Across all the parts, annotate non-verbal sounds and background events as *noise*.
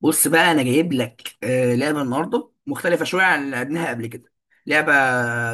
بص بقى انا جايب لك لعبه النهارده مختلفه شويه عن اللي لعبناها قبل كده. لعبه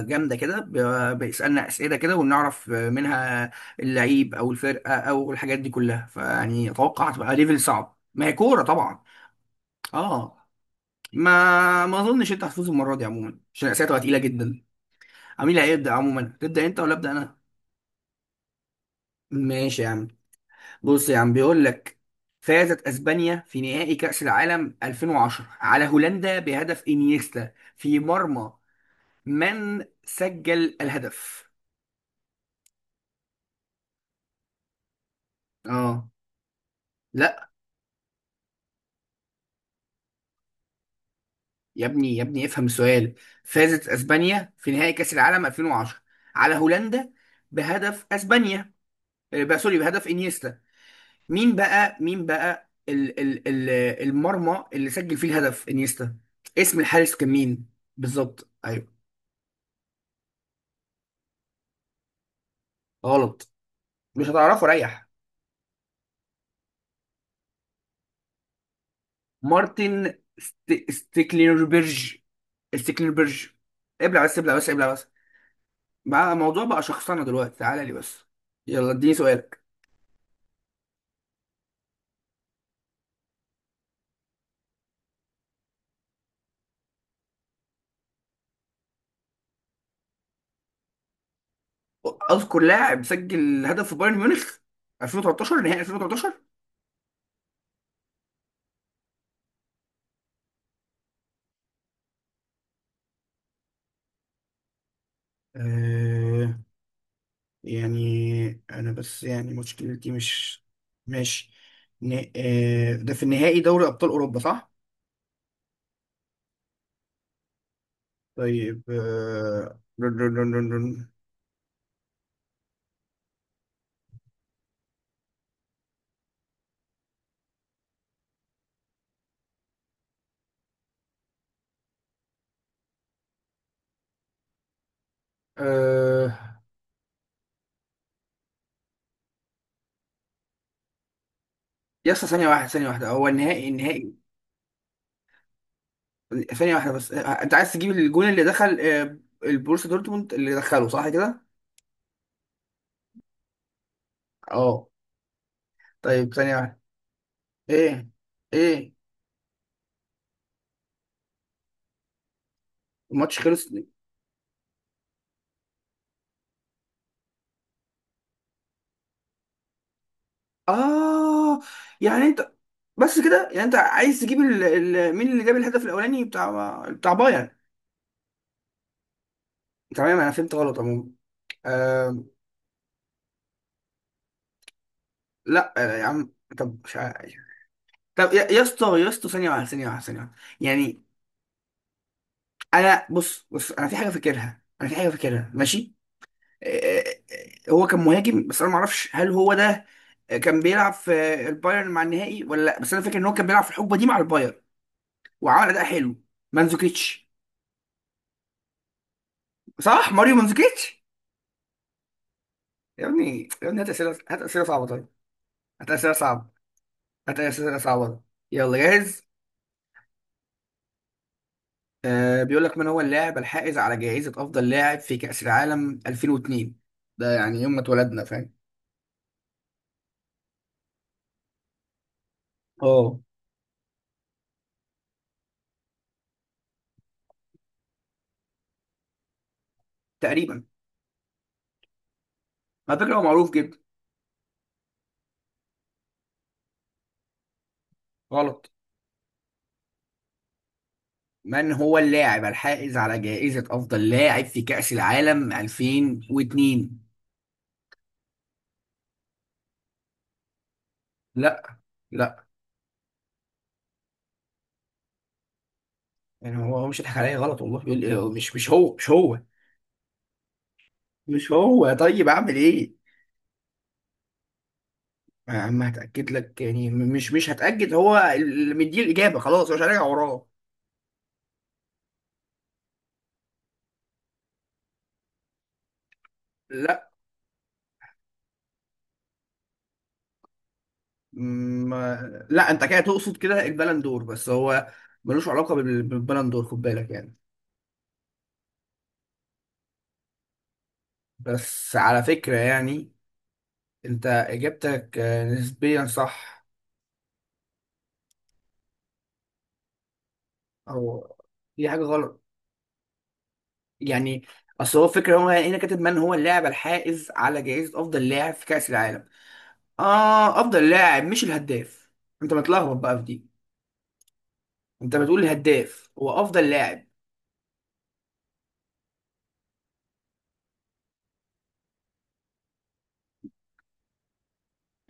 جامده كده بيسالنا اسئله كده ونعرف منها اللعيب او الفرقه او الحاجات دي كلها، فيعني اتوقع هتبقى ليفل صعب، ما هي كوره طبعا. اه، ما ما اظنش انت هتفوز المره دي عموما عشان الاسئله تبقى تقيله جدا. مين اللي هيبدا عموما، تبدا انت ولا ابدا انا؟ ماشي يا عم. بص يا عم بيقول لك: فازت اسبانيا في نهائي كأس العالم 2010 على هولندا بهدف انيستا في مرمى، من سجل الهدف؟ اه. لا، يا ابني يا ابني افهم السؤال. فازت اسبانيا في نهائي كأس العالم 2010 على هولندا بهدف اسبانيا، بقى سوري بهدف انيستا. مين بقى مين بقى ال المرمى اللي سجل فيه الهدف انيستا، اسم الحارس كان مين؟ بالظبط ايوه. غلط، مش هتعرفه ريح. مارتن ستيكليربرج، ستيكليربرج. ابلع بس، ابلع بس، ابلع بس. بقى الموضوع بقى شخصنة دلوقتي، تعالى لي بس. يلا اديني سؤالك. اذكر لاعب سجل هدف في بايرن ميونخ 2013، نهائي 2013. أه، يعني انا بس يعني مشكلتي مش، ماشي. ن... أه ده في النهائي دوري ابطال اوروبا صح؟ طيب رن رن رن رن رن. أه... يا اسطى ثانية واحدة، ثانية واحدة، هو النهائي النهائي؟ ثانية واحدة بس، انت عايز تجيب الجون اللي دخل البروسيا دورتموند اللي دخله صح كده؟ اه. طيب ثانية واحدة. ايه ايه، الماتش خلص. اه يعني انت، بس كده يعني انت عايز تجيب مين اللي جاب الهدف الاولاني بتاع بايرن. تمام انا فهمت غلط عموما. آه... لا يا عم، طب مش عارف. طب يا اسطى يا اسطى، ثانية واحدة ثانية واحدة ثانية واحدة، يعني انا بص بص انا في حاجة فاكرها، انا في حاجة فاكرها ماشي. آه، هو كان مهاجم، بس انا ما اعرفش هل هو ده كان بيلعب في البايرن مع النهائي ولا لا، بس انا فاكر ان هو كان بيلعب في الحقبه دي مع البايرن وعمل اداء حلو. مانزوكيتش. صح، ماريو مانزوكيتش. يا ابني يا ابني هات اسئله، هات اسئله صعبه طيب، هات اسئله صعبه، هات اسئله صعبه. يلا جاهز. آه بيقول لك: من هو اللاعب الحائز على جائزه افضل لاعب في كاس العالم 2002؟ ده يعني يوم ما اتولدنا فاهم. اه تقريبا. على فكره هو معروف جدا. غلط. من هو اللاعب الحائز على جائزة أفضل لاعب في كأس العالم 2002؟ لا. لا. يعني هو هو مش هيضحك عليا غلط والله، بيقول إيه، مش مش هو، مش هو. مش هو طيب، أعمل إيه؟ يا عم هتأكد لك يعني مش مش هتأكد، هو اللي مديه الإجابة خلاص مش هراجع وراه. لا، ما لا أنت كده تقصد كده البلندور، بس هو ملوش علاقة بالبلندور خد بالك يعني. بس على فكرة يعني، أنت إجابتك نسبيا صح. او دي حاجه غلط يعني. اصل هو الفكره، هو هنا كاتب من هو اللاعب الحائز على جائزه افضل لاعب في كاس العالم، اه افضل لاعب مش الهداف. انت متلخبط بقى في دي، انت بتقول الهداف هو افضل لاعب.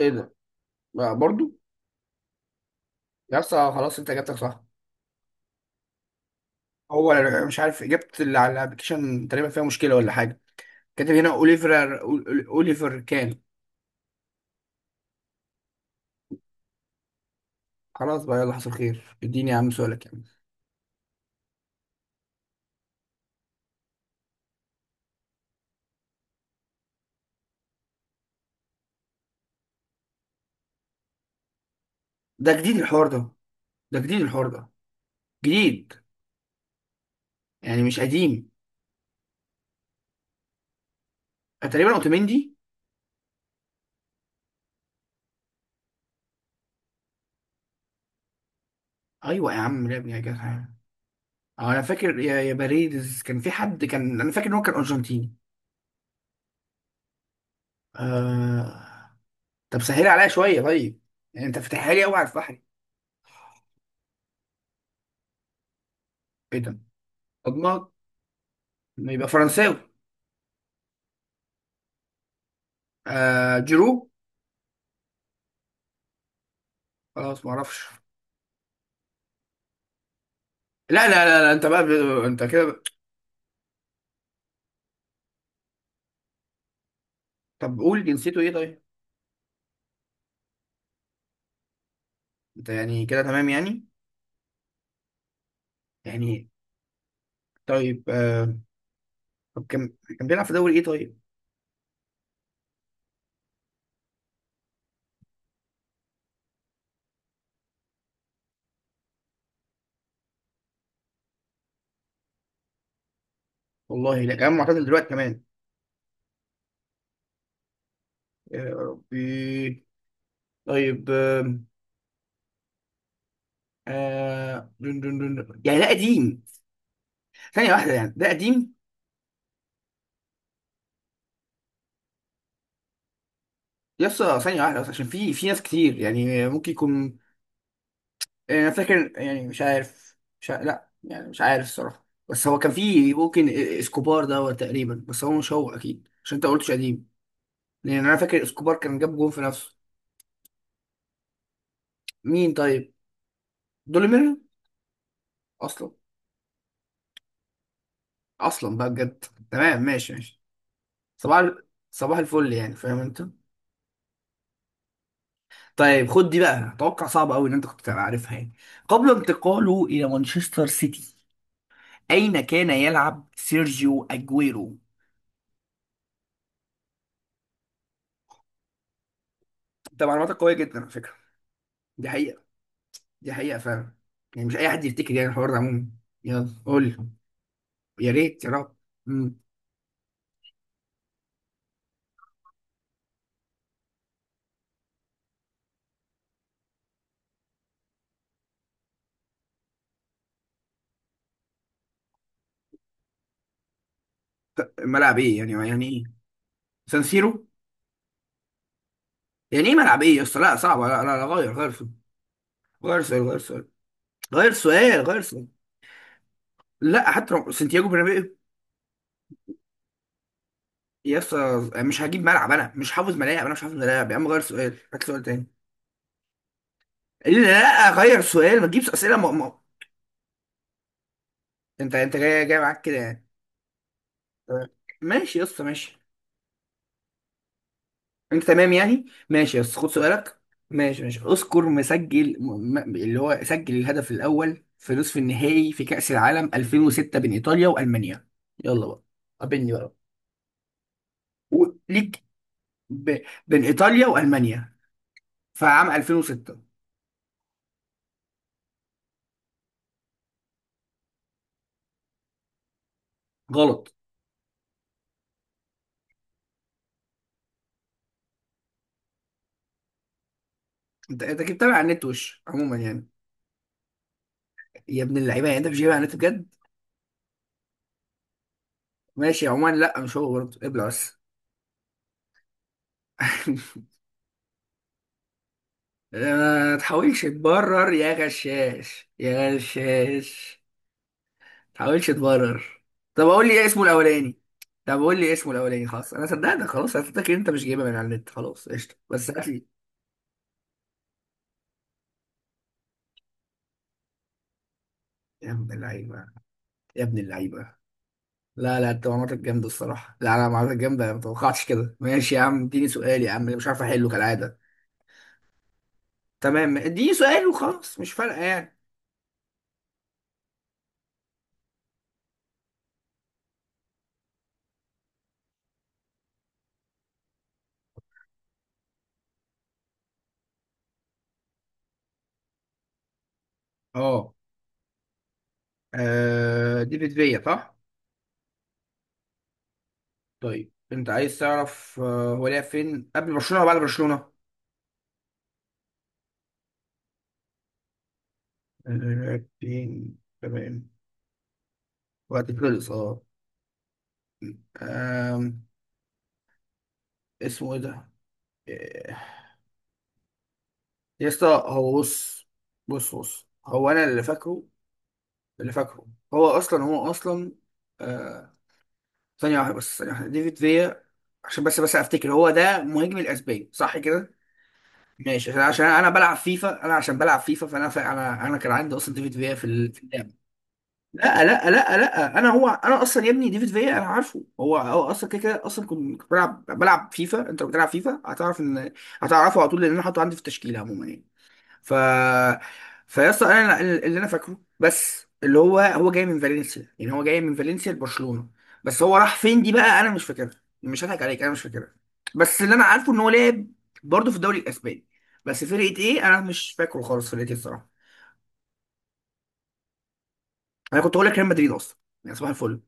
ايه ده بقى برضو. يا اسطى خلاص انت اجابتك صح. هو مش عارف، اجابه اللي على الابلكيشن تقريبا فيها مشكله ولا حاجه، كاتب هنا اوليفر اوليفر كان. خلاص بقى، يلا حصل خير، اديني يا عم سؤالك يعني. ده جديد الحوار ده. ده جديد الحوار ده. جديد. يعني مش قديم. تقريبا اوتوميندي. ايوه يا عم لعب يا جدع. اه انا فاكر يا باريدز، كان في حد كان، انا فاكر ان هو كان ارجنتيني. آه... طب سهل عليا شويه طيب. يعني انت فاتحها لي قوي على الفحري. ايه ده؟ اضمك. ما يبقى فرنساوي. جيرو. خلاص ما اعرفش. لا انت بقى انت كده طب قول جنسيته ايه طيب. انت يعني كده تمام يعني؟ يعني، طيب طب كان، كان بيلعب في دوري ايه طيب؟ والله لا، كان معتزل دلوقتي كمان. يا ربي. طيب دون دون دون دون. يعني ده قديم. ثانية واحدة، يعني ده قديم. يس، ثانية واحدة بس عشان في ناس كتير يعني ممكن يكون، يعني انا فاكر يعني مش عارف، مش عارف. لا يعني مش عارف الصراحة، بس هو كان في، ممكن اسكوبار ده هو تقريبا، بس هو مش هو اكيد عشان انت قلتش قديم. لان انا فاكر اسكوبار كان جاب جون في نفسه. مين طيب؟ دوليمير. اصلا، اصلا بقى بجد. تمام ماشي ماشي. صباح الفل يعني فاهم انت. طيب خد دي بقى، توقع صعب قوي ان انت كنت تبقى عارفها يعني. قبل انتقاله الى مانشستر سيتي اين كان يلعب سيرجيو اجويرو؟ انت معلوماتك قوية جدا على فكرة، دي حقيقة. دي حقيقة فعلا، يعني مش اي حد يفتكر يعني الحوار ده عموما. يلا قول لي، يا ريت يا رب. مم. ملعب ايه يعني؟ يعني ايه؟ سان سيرو. يعني ايه ملعب ايه يا اسطى، لا صعبة لا لا لا، غير سؤال، غير سؤال، غير سؤال، غير سؤال، غير سؤال. لا حتى لو سانتياغو برنابيو. يا اسطى مش هجيب ملعب، انا مش حافظ ملاعب، انا مش حافظ ملاعب يا عم، غير سؤال، هات سؤال تاني. قال لي لا غير سؤال، ما تجيبش اسئله انت جاي معاك كده يعني. تمام. ماشي يا اسطى ماشي. انت تمام يعني، ماشي يا اسطى خد سؤالك. ماشي ماشي، اذكر مسجل اللي هو سجل الهدف الاول في نصف النهائي في كأس العالم 2006 بين ايطاليا والمانيا. يلا بقى، قابلني بقى وليك. ب... بين ايطاليا والمانيا، في عام 2006. غلط. انت انت كنت متابع على النت وش عموما يعني. يا ابن اللعيبه، يعني انت مش جايبها على النت بجد. ماشي عموما، لا مش هو برضه، ابلع بس. *laughs* ما تحاولش تبرر يا غشاش يا غشاش، ما تحاولش تبرر. طب اقول لي ايه اسمه الاولاني. طب قول لي إيه اسمه الاولاني، خلاص انا صدقتك، خلاص انا صدقتك ان انت مش جايبها من على النت، خلاص قشطه بس هات لي. يا ابن اللعيبه، يا ابن اللعيبه. لا لا، انت معلوماتك جامده الصراحه، لا انا معلوماتك جامده ما توقعتش كده. ماشي يا عم، اديني سؤال يا عم، أنا مش عارف احله كالعاده. تمام اديني سؤال وخلاص، مش فارقه يعني. اه. آه دي فيا صح؟ طيب انت عايز تعرف هو لعب فين قبل برشلونة ولا بعد برشلونة؟ لعب فين، تمام. وقت خلص اه. آم، اسمه ايه ده؟ آه، يا اسطى هو بص، بص هو انا اللي فاكره، اللي فاكره. هو اصلا آه ثانية واحدة بس، ثانية واحدة، ديفيد فيا. عشان بس افتكر هو ده مهاجم الاسباني صح كده؟ ماشي، عشان انا بلعب فيفا، انا عشان بلعب فيفا فانا فا انا انا كان عندي اصلا ديفيد فيا في اللعبة. لا انا هو انا اصلا يا ابني ديفيد فيا انا عارفه، هو هو اصلا كده كده اصلا كنت بلعب فيفا، انت لو بتلعب فيفا هتعرف ان، هتعرفه على طول لان انا حاطه عندي في التشكيله عموما يعني. ف فيا اسطى انا اللي انا فاكره، بس اللي هو هو جاي من فالنسيا، يعني هو جاي من فالنسيا لبرشلونه. بس هو راح فين دي بقى انا مش فاكرها، مش هضحك عليك انا مش فاكرها. بس اللي انا عارفه ان هو لعب برضه في الدوري الاسباني، بس فرقه ايه انا مش فاكره خالص، فرقه ايه الصراحه. انا كنت هقول لك ريال مدريد اصلا، يعني صباح الفل.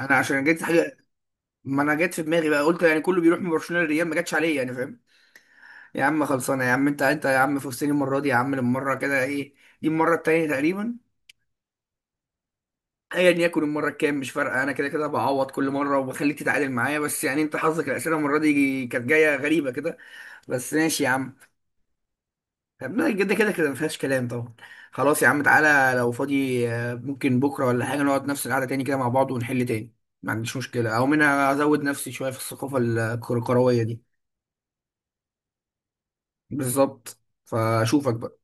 انا عشان جيت، ما انا جت في دماغي بقى قلت يعني كله بيروح من برشلونه للريال، ما جاتش عليا يعني فاهم. يا عم خلصانه يا عم، انت يا عم فزتني المره دي يا عم، المره كده ايه، دي المره التانيه تقريبا. ايا يكن المره الكام مش فارقه، انا كده كده بعوض كل مره وبخليك تتعادل معايا، بس يعني انت حظك الاسئله المره دي كانت جايه غريبه كده، بس ماشي يا عم. طب لا، كده كده كده ما فيهاش كلام طبعا. خلاص يا عم تعالى لو فاضي ممكن بكره ولا حاجه نقعد نفس القعده تاني كده مع بعض ونحل تاني. ما عنديش مشكله، او منها ازود نفسي شويه في الثقافه الكرويه دي. بالظبط. فاشوفك بقى.